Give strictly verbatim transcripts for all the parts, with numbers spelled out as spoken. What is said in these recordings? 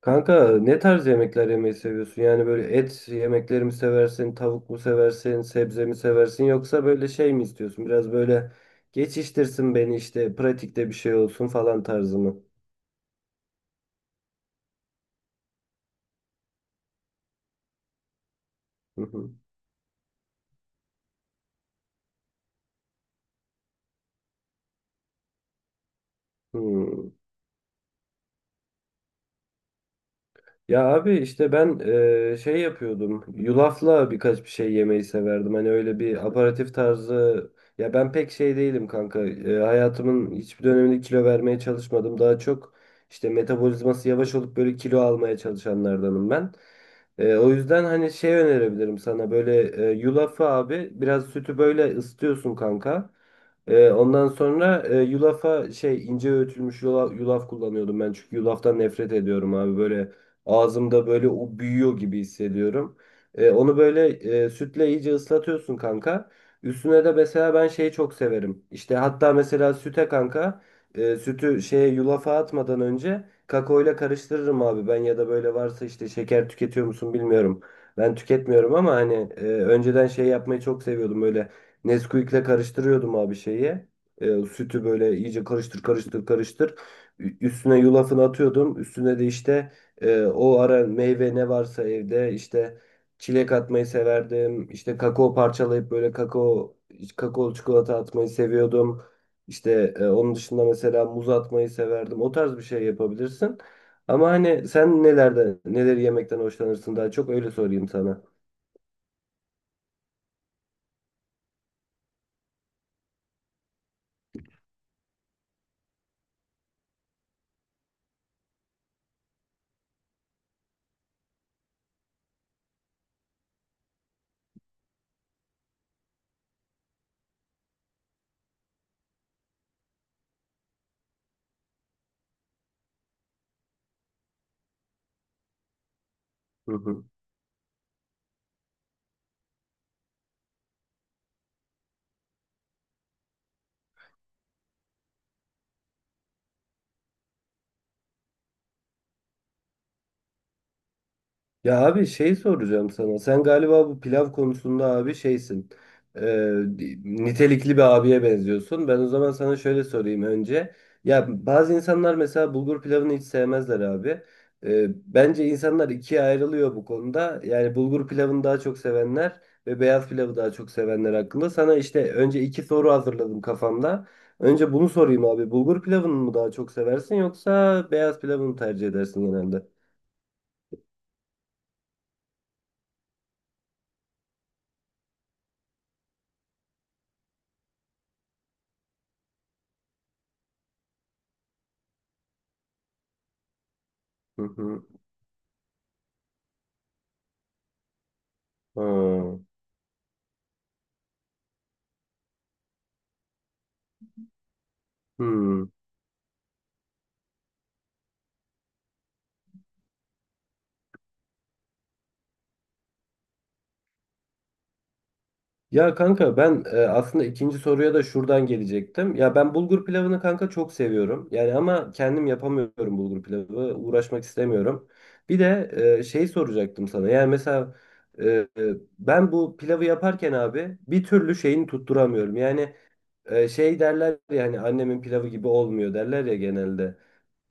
Kanka ne tarz yemekler yemeyi seviyorsun? Yani böyle et yemekleri mi seversin, tavuk mu seversin, sebze mi seversin yoksa böyle şey mi istiyorsun? Biraz böyle geçiştirsin beni işte pratikte bir şey olsun falan tarzı mı? Hı hı. Hmm. Ya abi işte ben eee, şey yapıyordum. Yulafla birkaç bir şey yemeyi severdim. Hani öyle bir aperatif tarzı. Ya ben pek şey değilim kanka. Eee, hayatımın hiçbir döneminde kilo vermeye çalışmadım. Daha çok işte metabolizması yavaş olup böyle kilo almaya çalışanlardanım ben. Eee, o yüzden hani şey önerebilirim sana böyle eee, yulafı abi biraz sütü böyle ısıtıyorsun kanka. Ee, ondan sonra e, yulafa şey ince öğütülmüş yulaf, yulaf kullanıyordum ben çünkü yulaftan nefret ediyorum abi böyle ağzımda böyle o büyüyor gibi hissediyorum. Ee, onu böyle e, sütle iyice ıslatıyorsun kanka. Üstüne de mesela ben şeyi çok severim. İşte hatta mesela süte kanka e, sütü şeye yulafa atmadan önce kakaoyla karıştırırım abi ben ya da böyle varsa işte şeker tüketiyor musun bilmiyorum. Ben tüketmiyorum ama hani e, önceden şey yapmayı çok seviyordum böyle Nesquik'le karıştırıyordum abi şeyi. E, sütü böyle iyice karıştır karıştır karıştır. Ü- Üstüne yulafını atıyordum. Üstüne de işte e, o ara meyve ne varsa evde işte çilek atmayı severdim. İşte kakao parçalayıp böyle kakao kakao çikolata atmayı seviyordum. İşte e, onun dışında mesela muz atmayı severdim. O tarz bir şey yapabilirsin. Ama hani sen nelerde neleri yemekten hoşlanırsın daha çok öyle sorayım sana. Hı hı. Ya abi şey soracağım sana. Sen galiba bu pilav konusunda abi şeysin. Ee, nitelikli bir abiye benziyorsun. Ben o zaman sana şöyle sorayım önce. Ya bazı insanlar mesela bulgur pilavını hiç sevmezler abi. Ee, bence insanlar ikiye ayrılıyor bu konuda. Yani bulgur pilavını daha çok sevenler ve beyaz pilavı daha çok sevenler hakkında. Sana işte önce iki soru hazırladım kafamda. Önce bunu sorayım abi. Bulgur pilavını mı daha çok seversin yoksa beyaz pilavını mı tercih edersin genelde? Hı hı. Ha. Hmm. Ya kanka ben e, aslında ikinci soruya da şuradan gelecektim. Ya ben bulgur pilavını kanka çok seviyorum. Yani ama kendim yapamıyorum bulgur pilavı. Uğraşmak istemiyorum. Bir de e, şey soracaktım sana. Yani mesela e, e, ben bu pilavı yaparken abi bir türlü şeyini tutturamıyorum. Yani e, şey derler ya hani annemin pilavı gibi olmuyor derler ya genelde.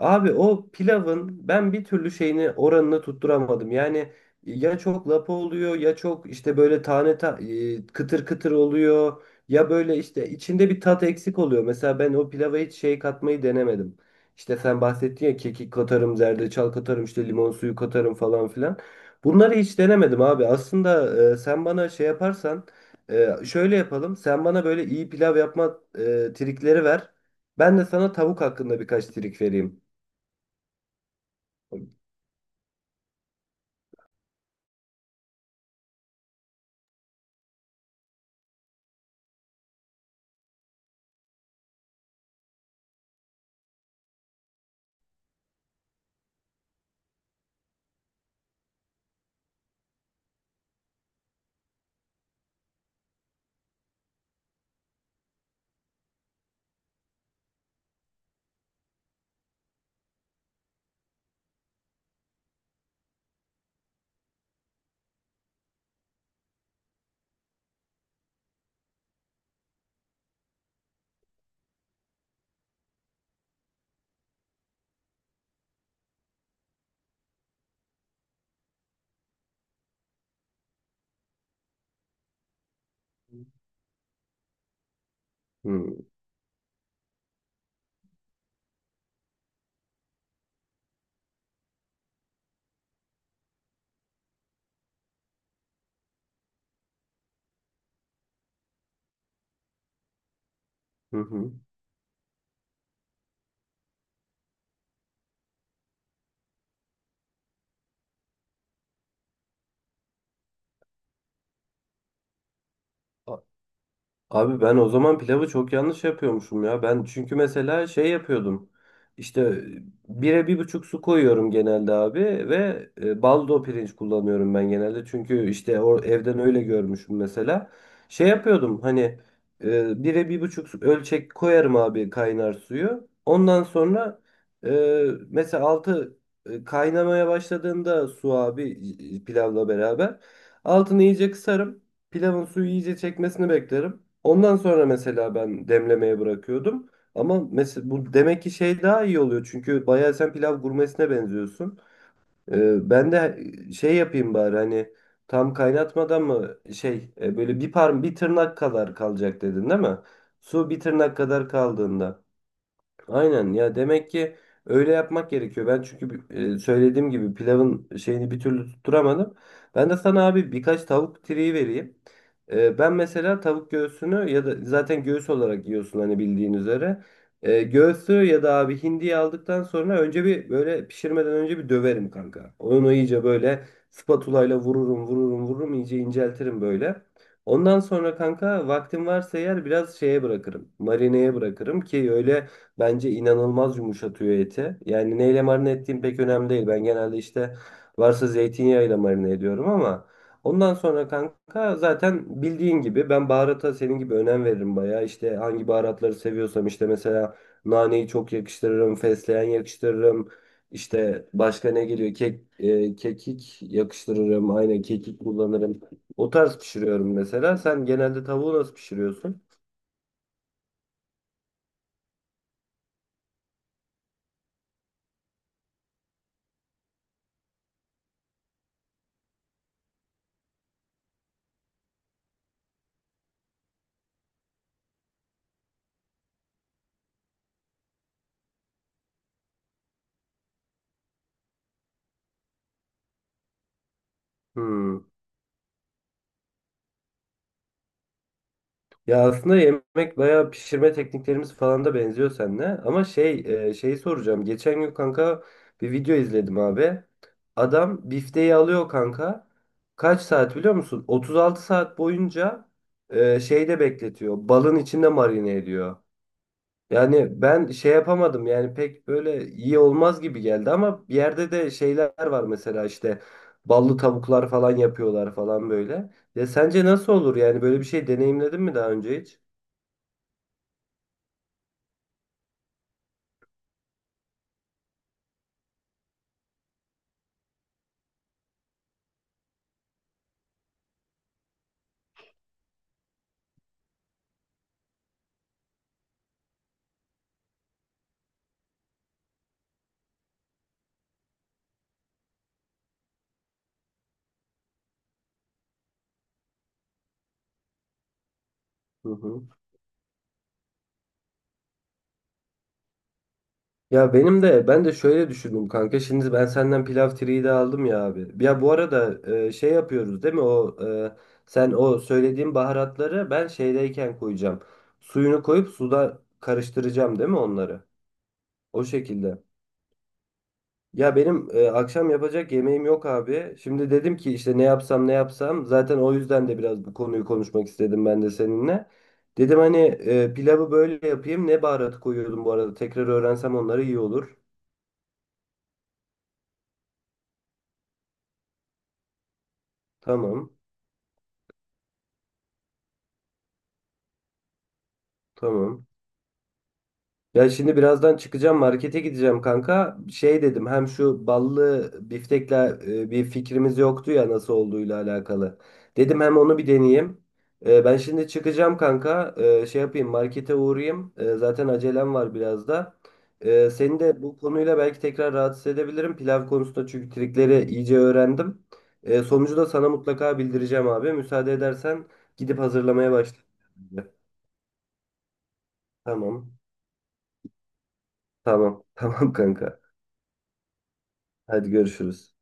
Abi o pilavın ben bir türlü şeyini oranını tutturamadım. Yani ya çok lapa oluyor ya çok işte böyle tane ta- e, kıtır kıtır oluyor ya böyle işte içinde bir tat eksik oluyor. Mesela ben o pilava hiç şey katmayı denemedim. İşte sen bahsettin ya kekik katarım, zerdeçal katarım, işte limon suyu katarım falan filan. Bunları hiç denemedim abi. Aslında e, sen bana şey yaparsan e, şöyle yapalım. Sen bana böyle iyi pilav yapma e, trikleri ver. Ben de sana tavuk hakkında birkaç trik vereyim. Hı, hı hı. A- Abi ben o zaman pilavı çok yanlış yapıyormuşum ya. Ben çünkü mesela şey yapıyordum. İşte e, bire bir buçuk su koyuyorum genelde abi ve e, baldo pirinç kullanıyorum ben genelde. Çünkü işte o evden öyle görmüşüm mesela. Şey yapıyordum hani e, bire bir buçuk su- ölçek koyarım abi kaynar suyu. Ondan sonra e, mesela altı e, kaynamaya başladığında su abi e, pilavla beraber altını iyice kısarım. Pilavın suyu iyice çekmesini beklerim. Ondan sonra mesela ben demlemeye bırakıyordum. Ama mesela bu demek ki şey daha iyi oluyor. Çünkü bayağı sen pilav gurmesine benziyorsun. Ee, ben de e, şey yapayım bari hani tam kaynatmadan mı şey e, böyle bir parm bir tırnak kadar kalacak dedin değil mi? Su bir tırnak kadar kaldığında. Aynen ya demek ki öyle yapmak gerekiyor. Ben çünkü bir- e, söylediğim gibi pilavın şeyini bir türlü tutturamadım. Ben de sana abi birkaç tavuk tireyi vereyim. E, ben mesela tavuk göğsünü ya da zaten göğüs olarak yiyorsun hani bildiğin üzere. E, göğsü ya da abi hindiyi aldıktan sonra önce bir böyle pişirmeden önce bir döverim kanka. Onu iyice böyle spatulayla vururum vururum vururum iyice inceltirim böyle. Ondan sonra kanka vaktim varsa eğer biraz şeye bırakırım. Marineye bırakırım ki öyle. Bence inanılmaz yumuşatıyor eti. Yani neyle marine ettiğim pek önemli değil. Ben genelde işte varsa zeytinyağıyla marine ediyorum ama ondan sonra kanka zaten bildiğin gibi ben baharata senin gibi önem veririm bayağı. İşte hangi baharatları seviyorsam işte mesela naneyi çok yakıştırırım, fesleğen yakıştırırım. İşte başka ne geliyor? Kek, e, kekik yakıştırırım. Aynen kekik kullanırım. O tarz pişiriyorum mesela. Sen genelde tavuğu nasıl pişiriyorsun? Hmm. Ya aslında yemek bayağı pişirme tekniklerimiz falan da benziyor seninle. Ama şey e, şeyi soracağım. Geçen gün kanka bir video izledim abi. Adam bifteyi alıyor kanka. Kaç saat biliyor musun? otuz altı saat boyunca e, şeyde bekletiyor. Balın içinde marine ediyor. Yani ben şey yapamadım yani pek böyle iyi olmaz gibi geldi ama bir yerde de şeyler var mesela işte ballı tavuklar falan yapıyorlar falan böyle. Ya sence nasıl olur yani böyle bir şey deneyimledin mi daha önce hiç? Hı hı. Ya benim de ben de şöyle düşündüm kanka. Şimdi ben senden pilav triyi de aldım ya abi. Ya bu arada e, şey yapıyoruz değil mi? O e, sen o söylediğin baharatları ben şeydeyken koyacağım. Suyunu koyup suda karıştıracağım değil mi onları? O şekilde. Ya benim e, akşam yapacak yemeğim yok abi. Şimdi dedim ki işte ne yapsam ne yapsam. Zaten o yüzden de biraz bu konuyu konuşmak istedim ben de seninle. Dedim hani e, pilavı böyle yapayım. Ne baharat koyuyordum bu arada? Tekrar öğrensem onları iyi olur. Tamam. Tamam. Ya şimdi birazdan çıkacağım markete gideceğim kanka. Şey dedim hem şu ballı biftekle e, bir fikrimiz yoktu ya nasıl olduğuyla alakalı. Dedim hem onu bir deneyeyim. E, ben şimdi çıkacağım kanka. E, şey yapayım markete uğrayayım. E, zaten acelem var biraz da. E, seni de bu konuyla belki tekrar rahatsız edebilirim. Pilav konusunda çünkü trikleri iyice öğrendim. E, sonucu da sana mutlaka bildireceğim abi. Müsaade edersen gidip hazırlamaya başlayayım. Tamam. Tamam. Tamam kanka. Hadi görüşürüz.